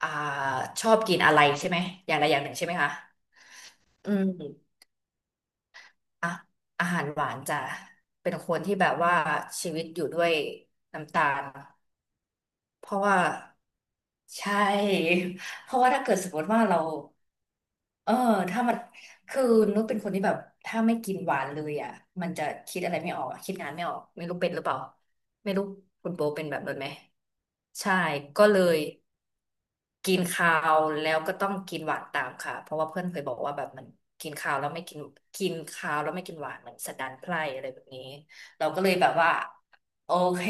อ่าชอบกินอะไรใช่ไหมอย่างใดอย่างหนึ่งใช่ไหมคะอืมอ่ะอาหารหวานจะเป็นคนที่แบบว่าชีวิตอยู่ด้วยน้ำตาลเพราะว่าใช่ เพราะว่าถ้าเกิดสมมติว่าเราเออถ้ามันคือนุชเป็นคนที่แบบถ้าไม่กินหวานเลยอ่ะมันจะคิดอะไรไม่ออกอะคิดงานไม่ออกไม่รู้เป็นหรือเปล่าไม่รู้คุณโบเป็นแบบนั้นไหมใช่ก็เลย กินคาวแล้วก็ต้องกินหวานตามค่ะเพราะว่าเพื่อนเคยบอกว่าแบบมันกินคาวแล้วไม่กินกินคาวแล้วไม่กินหวานมันสันดานไพร่อะไรแบบนี้เราก็เลยแบบว่าโอเค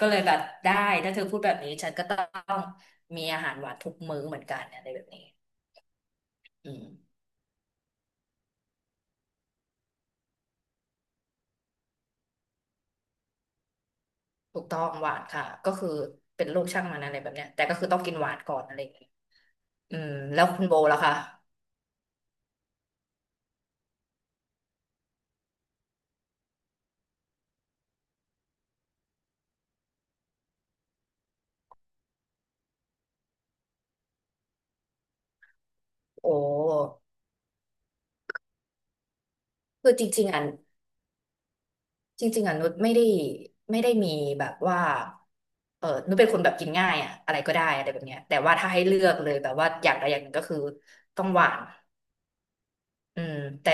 ก็เลยแบบได้ถ้าเธอพูดแบบนี้ฉันก็ต้องมีอาหารหวานทุกมื้อเหมือนกันอะไรแบบนี้อืมถูกต้องหวานค่ะก็คือเป็นลูกช่างมันอะไรแบบเนี้ยแต่ก็คือต้องกินหวานก่อนอะไรอย่างเงี้ยอืมแล้วคุณโบล่ะคะโอ้คือจริงๆอ่ะ จริงๆอ่ะนุชไม่ได้ไม่ได้มีแบบว่านุชเป็นคนแบบกินง่ายอ่ะอะไรก็ได้อะไรแบบเนี้ยแต่ว่าถ้าให้เลือกเลยแบบว่าอย่างใดอย่างหนึ่งก็คือต้องหวานอืมแต่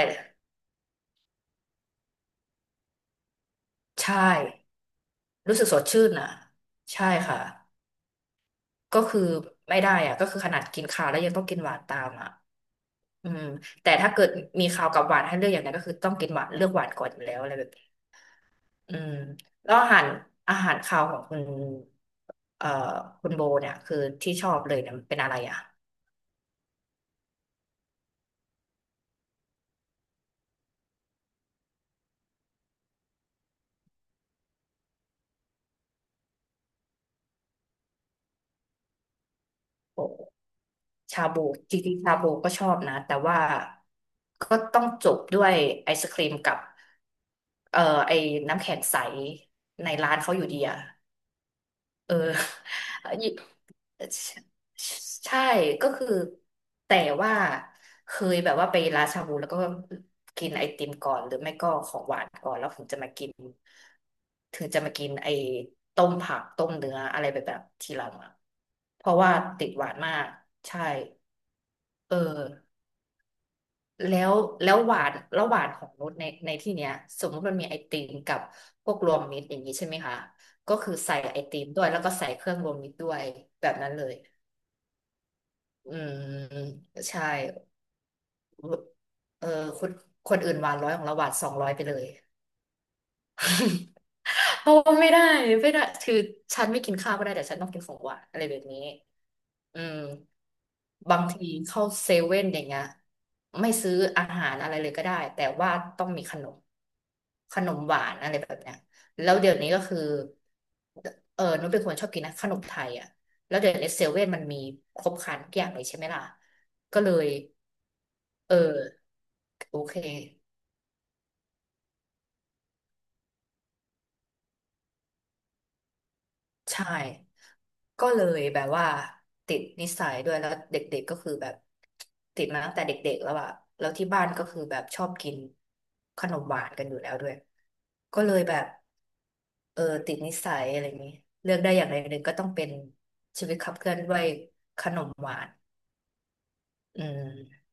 ใช่รู้สึกสดชื่นอ่ะใช่ค่ะก็คือไม่ได้อ่ะก็คือขนาดกินข้าวแล้วยังต้องกินหวานตามอ่ะอืมแต่ถ้าเกิดมีข้าวกับหวานให้เลือกอย่างนั้นก็คือต้องกินหวานเลือกหวานก่อนอยู่แล้วอะไรแบบ อืมแล้วอาหารอาหารคาวของคุณเอ่อคุณโบเนี่ยคือที่ชอบเลยเนี่ยมันเป็นอะไรอ่ะโอ้ชาบูจริงๆชาบูก็ชอบนะแต่ว่าก็ต้องจบด้วยไอศครีมกับเอ่อไอ้น้ำแข็งใสในร้านเขาอยู่ดีอ่ะ เออ ยิใช่ก็คือแต่ว่าเคยแบบว่าไปร้านชาบูแล้วก็กินไอติมก่อนหรือไม่ก็ของหวานก่อนแล้วถึงจะมากินถึงจะมากินไอต้มผักต้มเนื้ออะไรแบบแบบทีหลังอะเพราะว่าติดหวานมากใช่เออ แล้วแล้วหวานแล้วหวานของรสในที่เนี้ยสมมติมันมีไอติมกับพวกรวมมิตรอย่างนี้ใช่ไหมคะก็คือใส่ไอติมด้วยแล้วก็ใส่เครื่องรวมมิตรด้วยแบบนั้นเลยอืมใช่เออคนคนอื่นหวานร้อยของเราหวาน200ไปเลย เพราะว่าไม่ได้ไม่ได้คือฉันไม่กินข้าวก็ได้แต่ฉันต้องกินของหวานอะไรแบบนี้อืมบางทีเข้าเซเว่นอย่างเงี้ยไม่ซื้ออาหารอะไรเลยก็ได้แต่ว่าต้องมีขนมขนมหวานอะไรแบบเนี้ยแล้วเดี๋ยวนี้ก็คือนุชเป็นคนชอบกินนะขนมไทยอ่ะแล้วเดี๋ยวนี้เซเว่นมันมีครบครันทุกอย่างเลยใช่ไหมล่ะก็เลยเออโอเค ใช่ ก็เลยแบบว่าติดนิสัยด้วยแล้วเด็กๆก็คือแบบติดมาตั้งแต่เด็กๆแล้วอะแล้วที่บ้านก็คือแบบชอบกินขนมหวานกันอยู่แล้วด้วยก็เลยแบบติดนิสัยอะไรอย่างนี้เลือกได้อย่างใดอย่างหนึ่งก็ต้องเป็นชีวิตขับเคลื่อนด้วยขนมหวานอืม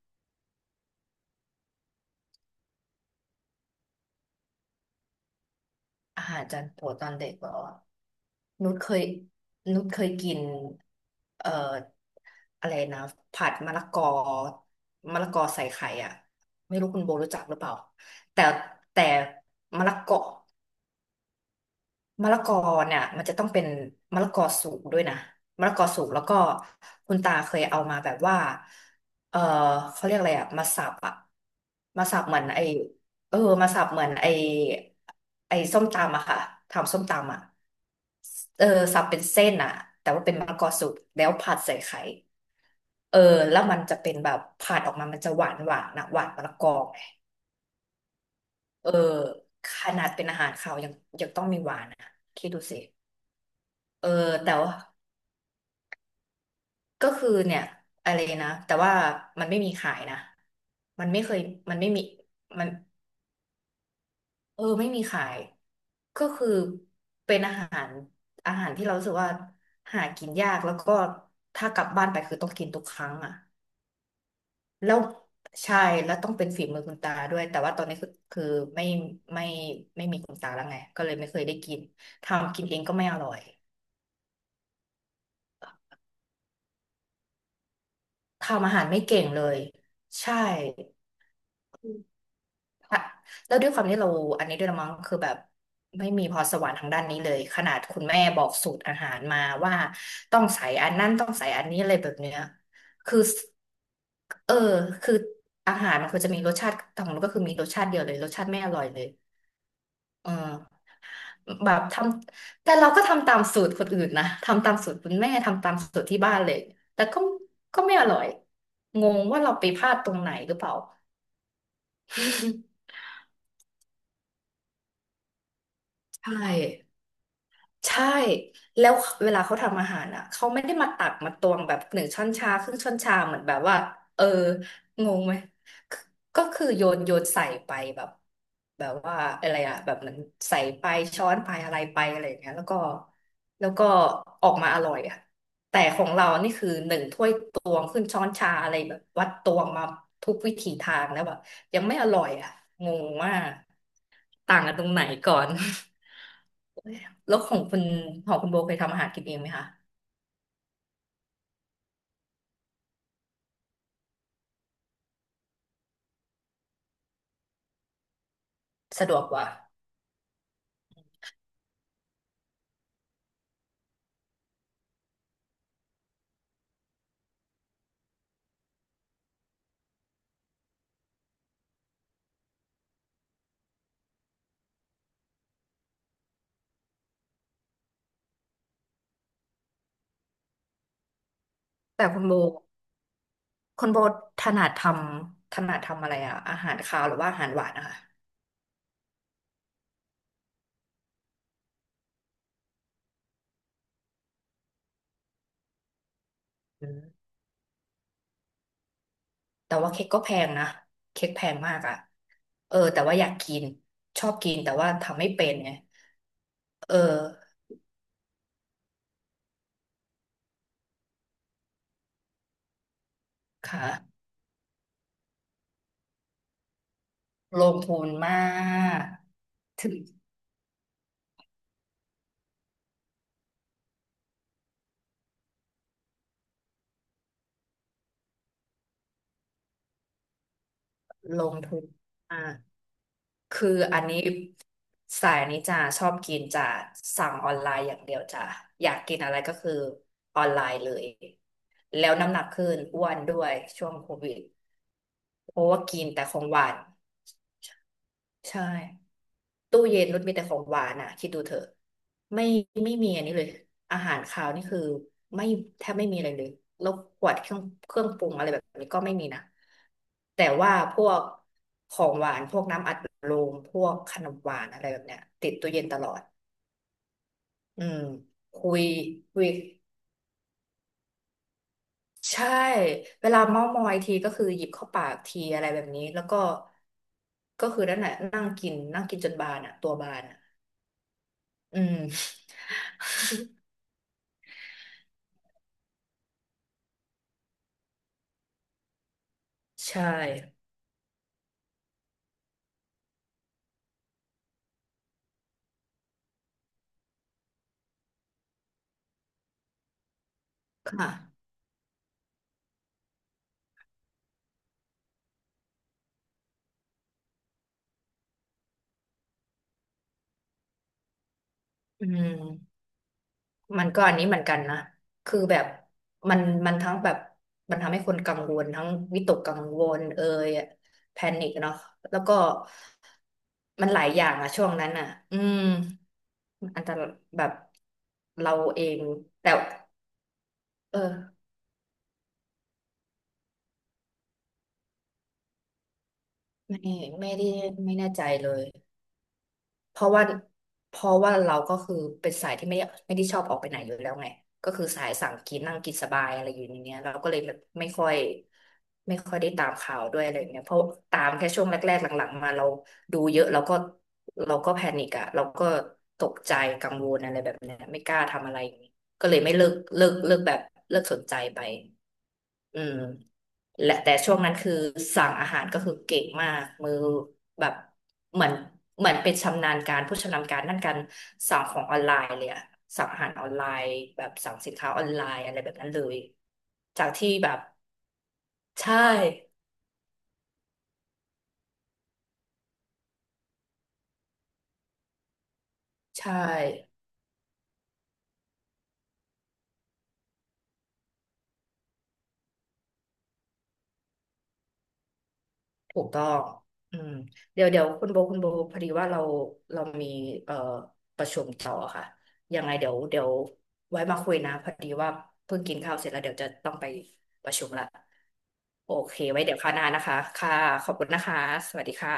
อาหารจานโปรดตอนเด็กบอกหรอนุชเคยนุชเคยกินเอ่ออะไรนะผัดมะละกอมะละกอใส่ไข่อ่ะไม่รู้คุณโบรู้จักหรือเปล่าแต่แต่มะละกอ มะละกอเนี่ยมันจะต้องเป็นมะละกอสุกด้วยนะมะละกอสุกแล้วก็คุณตาเคยเอามาแบบว่าเออเขาเรียกอะไรอะมาสับอะมาสับเหมือนไอเออมาสับเหมือนไอไอส้มตำอะค่ะทำส้มตำอะเออสับเป็นเส้นอะแต่ว่าเป็นมะละกอสุกแล้วผัดใส่ไข่เออแล้วมันจะเป็นแบบผัดออกมามันจะหวานหวานนะหวานมะละกอไงเออขนาดเป็นอาหารคาวยังยังต้องมีหวานอะคิดดูสิเออแต่ว่า ก็คือเนี่ยอะไรนะแต่ว่ามันไม่มีขายนะมันไม่เคยมันไม่มีมันไม่มีขายก็คือเป็นอาหารอาหารที่เรารู้สึกว่าหากินยากแล้วก็ถ้ากลับบ้านไปคือต้องกินทุกครั้งอ่ะแล้วใช่แล้วต้องเป็นฝีมือคุณตาด้วยแต่ว่าตอนนี้คือคือไม่ไม่ไม่มีคุณตาแล้วไงก็เลยไม่เคยได้กินทำกินเองก็ไม่อร่อยทำอาหารไม่เก่งเลยใช่ ค่ะแล้วด้วยความที่เราอันนี้ด้วยละมั้งคือแบบไม่มีพรสวรรค์ทางด้านนี้เลยขนาดคุณแม่บอกสูตรอาหารมาว่าต้องใส่อันนั้นต้องใส่อันนี้อะไรแบบเนี้ยคือเออคืออาหารมันควรจะมีรสชาติของมันก็คือมีรสชาติเดียวเลยรสชาติไม่อร่อยเลยเออแบบทำแต่เราก็ทำตามสูตรคนอื่นนะทำตามสูตรคุณแม่ทำตามสูตรที่บ้านเลยแต่ก็ไม่อร่อยงงว่าเราไปพลาดตรงไหนหรือเปล่า ใช่ ใช่แล้วเวลาเขาทำอาหารอ่ะเขาไม่ได้มาตักมาตวงแบบหนึ่งช้อนชาครึ่งช้อนชาเหมือนแบบว่าเอองงไหมคือก็คือโยนใส่ไปแบบแบบว่าอะไรอ่ะแบบเหมันใส่ไปช้อนไปอะไรไปอะไรอย่างเงี้ยแล้วก็แล้วก็ออกมาอร่อยอ่ะแต่ของเรานี่คือหนึ่งถ้วยตวงขึ้นช้อนชาอะไรแบบวัดตวงมาทุกวิถีทางแล้วแบบยังไม่อร่อยอ่ะงงว่ากต่างกันตรงไหนก่อน แล้วของคุณของคุณโบเคยทำอาหารกินเองไหมคะสะดวกกว่าแต่คุณโบคุณโบถนัดทำอะไรอะอาหารคาวหรือว่าอาหารหวานนะคะอืมแต่ว่าเค้กก็แพงนะเค้กแพงมากอะเออแต่ว่าอยากกินชอบกินแต่ว่าทำไม่เป็นไงเออค่ะลงทุนมากถึงลงทุนมาก คืออันนี้สายนี้จะชอบกินจะสั่งออนไลน์อย่างเดียวจ้ะอยากกินอะไรก็คือออนไลน์เลยแล้วน้ำหนักขึ้นอ้วนด้วยช่วงโควิดเพราะว่ากินแต่ของหวาน ใช่ตู้เย็นนุชมีแต่ของหวานอ่ะคิดดูเถอะไม่ไม่มีอันนี้เลยอาหารคาวนี่คือไม่แทบไม่มีอะไรเลยแล้วขวดเครื่องปรุงอะไรแบบนี้ก็ไม่มีนะแต่ว่าพวกของหวานพวกน้ำอัดลมพวกขนมหวานอะไรแบบเนี้ยติดตู้เย็นตลอดอืมคุยคุยใช่เวลาเม้าท์มอยทีก็คือหยิบเข้าปากทีอะไรแบบนี้แล้วก็ก็คือนั่นแหละนั่งกินจนบานอ่ะตัวบานอ่ะอืม ใช่ค่ะอืมมันก็อันนี้เหมือนกันนะคือแบบมันทั้งแบบมันทำให้คนกังวลทั้งวิตกกังวลเอ่ยแพนิคเนาะแล้วก็มันหลายอย่างอะช่วงนั้นอะอืมอันตรายแบบเราเองแต่เออไม่ไม่ได้ไม่แน่ใจเลย เพราะว่าเราก็คือเป็นสายที่ไม่ได้ชอบออกไปไหนอยู่แล้วไงก็คือสายสั่งกินนั่งกินสบายอะไรอยู่ในเนี้ยเราก็เลยแบบไม่ค่อยได้ตามข่าวด้วยอะไรเงี้ยเพราะตามแค่ช่วงแรกๆหลังๆมาเราดูเยอะเราก็แพนิกอะเราก็ตกใจกังวลอะไรแบบเนี้ยไม่กล้าทำอะไรอย่างงี้ก็เลยไม่เลิกแบบเลิกสนใจไป เออและแต่ช่วงนั้นคือสั่งอาหารก็คือเก่งมากมือแบบเหมือนเป็นชำนาญการผู้ชำนาญการด้านการสั่งของออนไลน์เลยอะสั่งอาหารออนไลน์แบบสั่งสินค้าออนไลน์อะไรแบบนั้นเลยจากที่แบบใช่ใช่ถูกต้องอืมเดี๋ยวคุณโบพอดีว่าเราเรามีเอ่อประชุมต่อค่ะยังไงเดี๋ยวไว้มาคุยนะพอดีว่าเพิ่งกินข้าวเสร็จแล้วเดี๋ยวจะต้องไปประชุมละ โอเคไว้เดี๋ยวคราวหน้านะคะค่ะขอบคุณนะคะ สวัสดีค่ะ